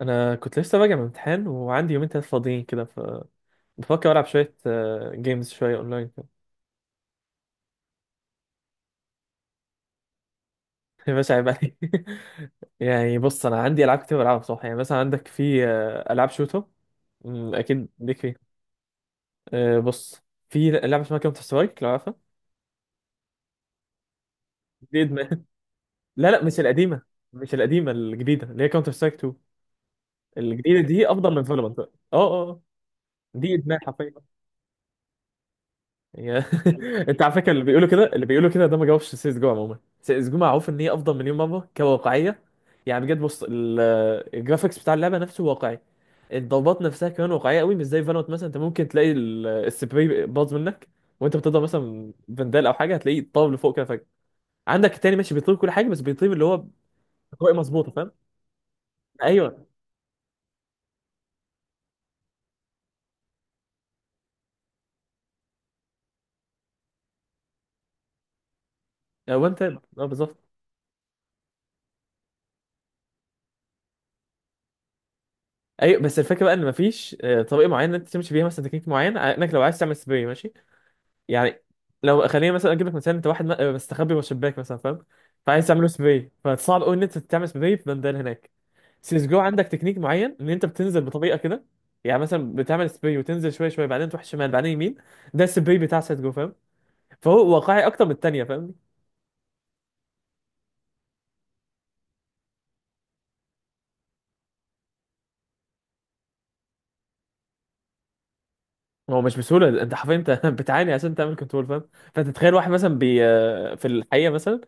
انا كنت لسه راجع من امتحان، وعندي يومين تلاتة فاضيين كده، ف بفكر العب شويه جيمز شويه اونلاين كده. يا باشا عيب عليك. يعني بص، انا عندي العاب كتير بلعبها بصراحه. يعني مثلا عندك في العاب شوتر. اكيد ليك فيها. بص، في لعبه اسمها كاونتر سترايك، لو عارفها. دي إدمان. لا لا، مش القديمه، مش القديمه، الجديده اللي هي كاونتر سترايك 2. الجديده دي افضل من فالورانت. دي ادمان حرفيا. يا- انت على فكره، اللي بيقولوا كده ده ما جاوبش سي اس جو. عموما سي اس جو معروف ان هي افضل مليون مره كواقعيه. يعني بجد بص، الجرافيكس بتاع اللعبه نفسه واقعي. الضربات نفسها كمان واقعيه قوي، مش زي فالوت. مثلا انت ممكن تلاقي السبراي باظ منك وانت بتضرب، مثلا فندال او حاجه، هتلاقيه طار لفوق كده فجاه. عندك التاني ماشي بيطير كل حاجه، بس بيطير اللي هو طريقه مظبوطه، فاهم؟ ايوه. هو انت اه بالظبط. ايوه بس الفكره بقى ان مفيش طريقه معينه انت تمشي بيها، مثلا تكنيك معين، انك لو عايز تعمل سبراي ماشي. يعني لو خلينا مثلا اجيب لك مثال، انت واحد مستخبي جوه شباك مثلا، فاهم؟ فعايز تعمل له سبراي، فصعب قوي ان انت تعمل سبراي في بندان هناك. سيس جو عندك تكنيك معين، ان انت بتنزل بطريقه كده. يعني مثلا بتعمل سبراي وتنزل شويه شويه، بعدين تروح شمال، بعدين يمين. ده السبراي بتاع سيس جو، فاهم؟ فهو واقعي اكتر من الثانيه، فاهمني؟ هو مش بسهوله، انت حرفيا انت بتعاني عشان تعمل كنترول، فاهم؟ فانت تخيل واحد مثلا في الحقيقه، مثلا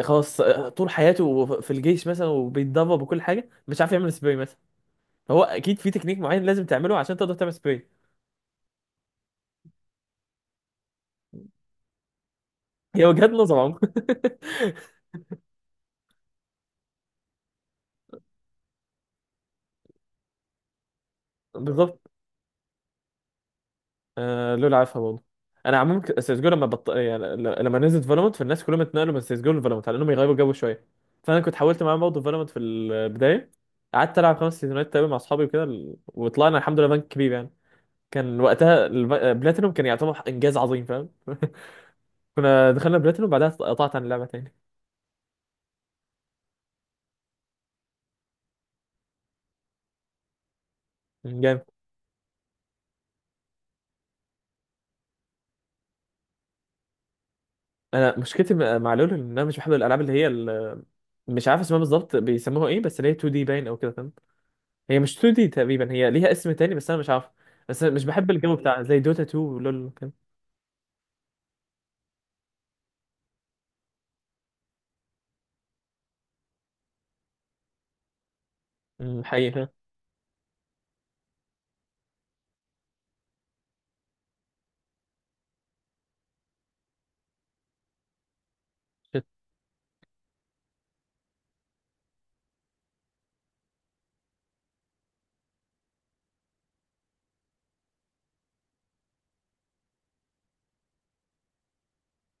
خلاص طول حياته في الجيش مثلا، وبيتدرب، وكل حاجه، مش عارف يعمل سبراي. مثلا هو اكيد في تكنيك معين لازم تعمله عشان تقدر تعمل سبراي. هي وجهات نظر عموما. بالظبط. آه لول عارفها برضه. انا عموما سيسجو يعني لما نزلت فالومنت، فالناس كلهم اتنقلوا من سيسجو لفالومنت على انهم يغيروا جو شويه. فانا كنت حاولت معاهم برضه فالومنت في البدايه. قعدت العب خمس سيزونات تقريبا مع اصحابي وكده، وطلعنا الحمد لله بنك كبير يعني. كان وقتها بلاتينوم كان يعتبر انجاز عظيم، فاهم؟ كنا دخلنا بلاتينوم، بعدها قطعت عن اللعبه تاني. جامد. انا مشكلتي مع لولو، ان انا مش بحب الالعاب اللي هي مش عارف اسمها بالظبط، بيسموها ايه، بس اللي هي 2 دي باين او كده، فاهم؟ هي مش 2 دي تقريبا، هي ليها اسم تاني بس انا مش عارف. بس أنا مش بحب الجو بتاع زي دوتا 2 ولول كده. حقيقي. شت.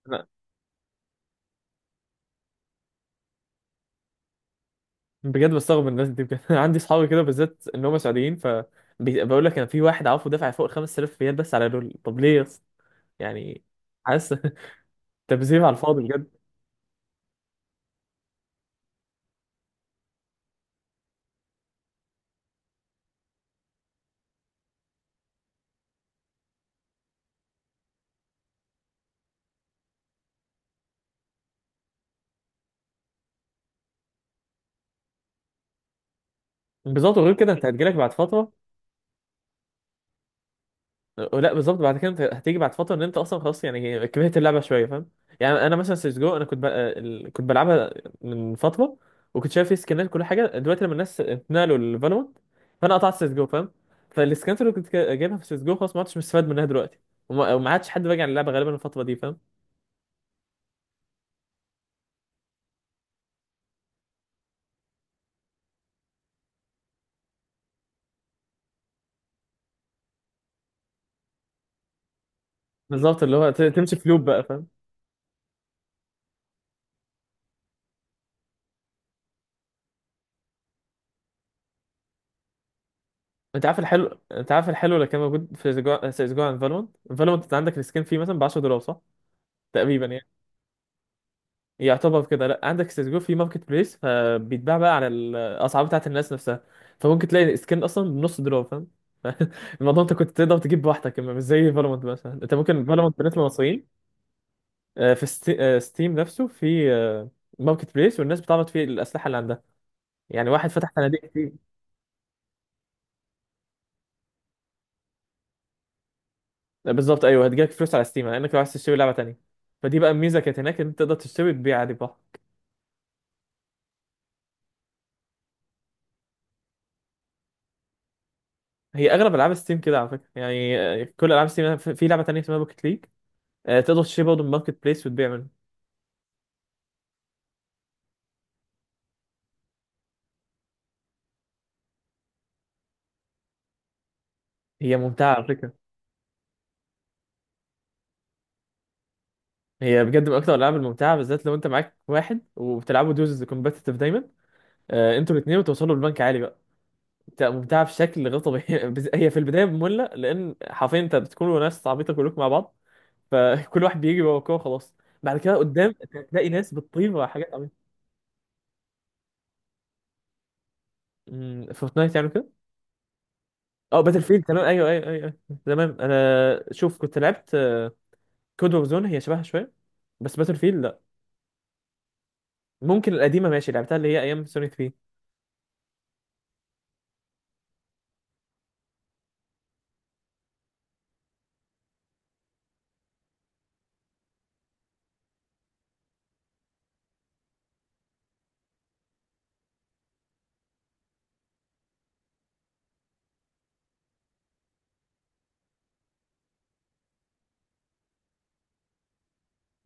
أنا بجد بستغرب من الناس دي بجد. أنا عندي اصحابي كده بالذات ان هم سعوديين، ف بقول لك، انا في واحد عارفه دافع فوق ال 5000 ريال بس على لول، طب ليه يا اسطى؟ يعني حاسس. تبذير على الفاضي بجد. بالظبط، وغير كده انت هتجيلك بعد فتره. لا بالظبط، بعد كده انت هتيجي بعد فتره ان انت اصلا خلاص يعني كرهت اللعبه شويه، فاهم؟ يعني انا مثلا سيسجو، انا كنت بلعبها من فتره، وكنت شايف فيه سكنات كل حاجه. دلوقتي لما الناس اتنقلوا لفالورانت، فانا قطعت سيسجو، فاهم؟ فالسكنات اللي كنت جايبها في سيسجو خلاص ما عدتش مستفاد منها دلوقتي، وما عادش حد راجع للعبه غالبا الفتره دي، فاهم؟ بالظبط، اللي هو تمشي في لوب بقى، فاهم؟ انت عارف الحلو اللي كان موجود في سيسجو عن فالورانت. فالورانت انت عندك السكن فيه مثلا ب 10 دولار، صح؟ تقريبا يعني. يعتبر كده لا، عندك سيسجو في ماركت بليس، فبيتباع بقى على الاسعار بتاعت الناس نفسها، فممكن تلاقي سكين اصلا بنص دولار، فاهم؟ الموضوع انت كنت تقدر تجيب بوحدك، اما مش زي فالورانت مثلا. انت ممكن فالورانت بالنسبه للمصريين، في ستيم نفسه في ماركت بليس، والناس بتعرض فيه الاسلحه اللي عندها. يعني واحد فتح صناديق كتير. بالظبط، ايوه هتجيلك فلوس على ستيم، لانك لو عايز تشتري لعبه تانيه. فدي بقى الميزه كانت هناك، ان انت تقدر تشتري وتبيع عادي براحتك. هي اغلب العاب ستيم كده على فكره. يعني كل العاب ستيم، في لعبه تانيه اسمها بوكيت ليج، تقدر تشتري برضه من ماركت بليس وتبيع منه. هي ممتعة على فكرة. هي بجد من أكتر الألعاب الممتعة، بالذات لو أنت معاك واحد وبتلعبوا دوزز كومبتيتيف دايما، أنتوا الاتنين وتوصلوا لبنك عالي بقى. ممتعة بشكل غير طبيعي. هي في البداية مملة، لأن حرفيا أنت بتكونوا ناس عبيطة كلكم مع بعض، فكل واحد بيجي ورا الكورة خلاص. بعد كده قدام أنت هتلاقي ناس بتطير ورا حاجات عبيطة. فورتنايت يعني كده. اه باتل فيلد تمام، ايوه ايوه ايوه أيوة. تمام، انا شوف كنت لعبت كود اوف زون، هي شبهها شويه. بس باتل فيلد ممكن القديمه ماشي لعبتها، اللي هي ايام سوني 3.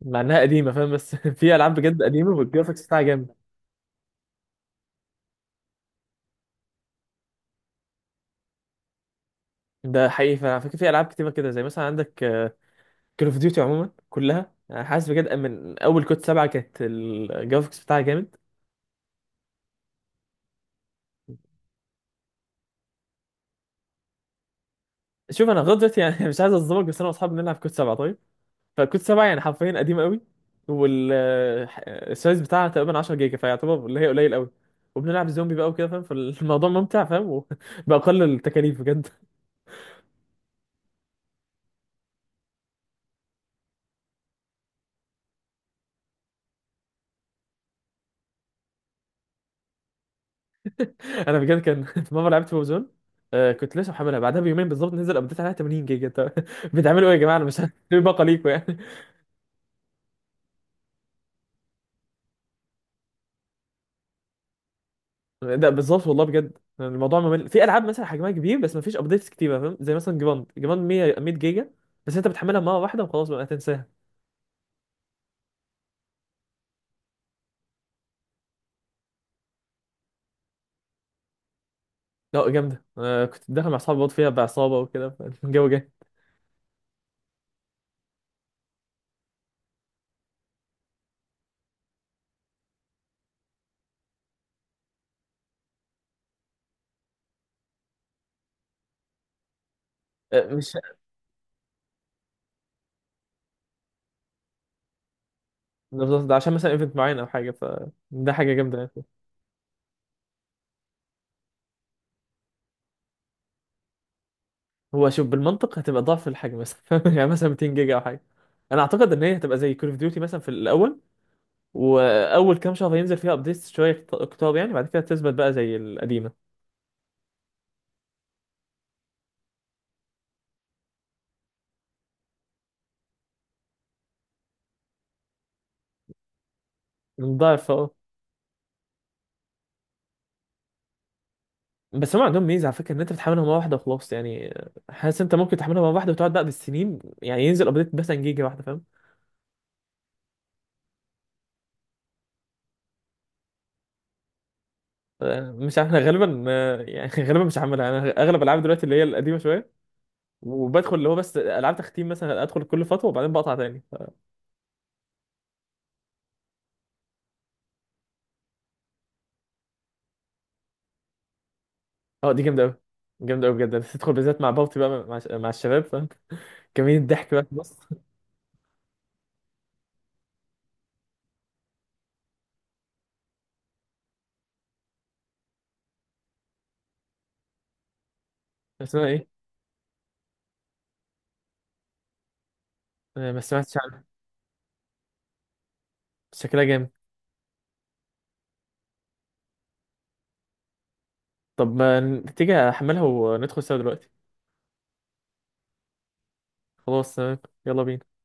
مع انها قديمه، فاهم؟ بس في العاب بجد قديمه والجرافيكس بتاعها جامده. ده حقيقي فعلا، فاكر في العاب كتيره كده، زي مثلا عندك كول اوف ديوتي عموما كلها. أنا حاسس بجد من اول كود 7 كانت الجرافيكس بتاعها جامد. شوف انا لغايه دلوقتي يعني مش عايز اظلمك، بس انا واصحابي بنلعب كود 7 طيب. فكود 7 يعني حرفيا قديم قوي، والسايز بتاعها تقريبا 10 جيجا، فيعتبر اللي هي قليل قوي. وبنلعب زومبي بقى وكده، فاهم؟ فالموضوع ممتع، فاهم؟ وبأقل التكاليف. انا بجد كان في مره لعبت وزون، آه كنت لسه محملها بعدها بيومين بالظبط، نزل ابديت عليها 80 جيجا. طب بتعملوا ايه يا جماعه؟ انا مش عارف إيه باقه ليكوا يعني. ده بالظبط، والله بجد يعني الموضوع ممل. في العاب مثلا حجمها كبير بس ما فيش ابديتس كتيره، فاهم؟ زي مثلا جراند 100 100 جيجا، بس انت بتحملها مره واحده وخلاص، بقى هتنساها. لا جامده، آه كنت داخل مع اصحابي برضه فيها بعصابه وكده، فالجو جاي. آه مش بالظبط، ده عشان مثلا ايفنت معين او حاجه، فده حاجه جامده يعني. هو شوف بالمنطق هتبقى ضعف الحجم مثلا، يعني مثلا 200 جيجا او حاجه. انا اعتقد ان هي هتبقى زي كول اوف ديوتي مثلا في الاول، واول كام شهر هينزل فيها ابديتس شويه كتار يعني، بعد كده تثبت بقى زي القديمه. ضعف اه، بس هم عندهم ميزه على فكره، ان انت بتحملها مره واحده وخلاص يعني. حاسس انت ممكن تحملها مره واحده وتقعد بقى بالسنين يعني، ينزل ابديت مثلا جيجا واحده، فاهم؟ مش عارف، انا غالبا يعني غالبا مش هعملها. انا اغلب العاب دلوقتي اللي هي القديمه شويه، وبدخل اللي هو بس العاب تختيم. مثلا ادخل كل فتره وبعدين بقطع تاني. اه دي جامده قوي، جامده قوي بجد، بس تدخل بالذات مع بابتي بقى، مع الشباب، فاهم؟ كمية الضحك بقى في النص. اسمها ايه؟ ما سمعتش عنها. شكلها جامد. طب ما تيجي احملها وندخل سوا دلوقتي. خلاص تمام. يلا بينا.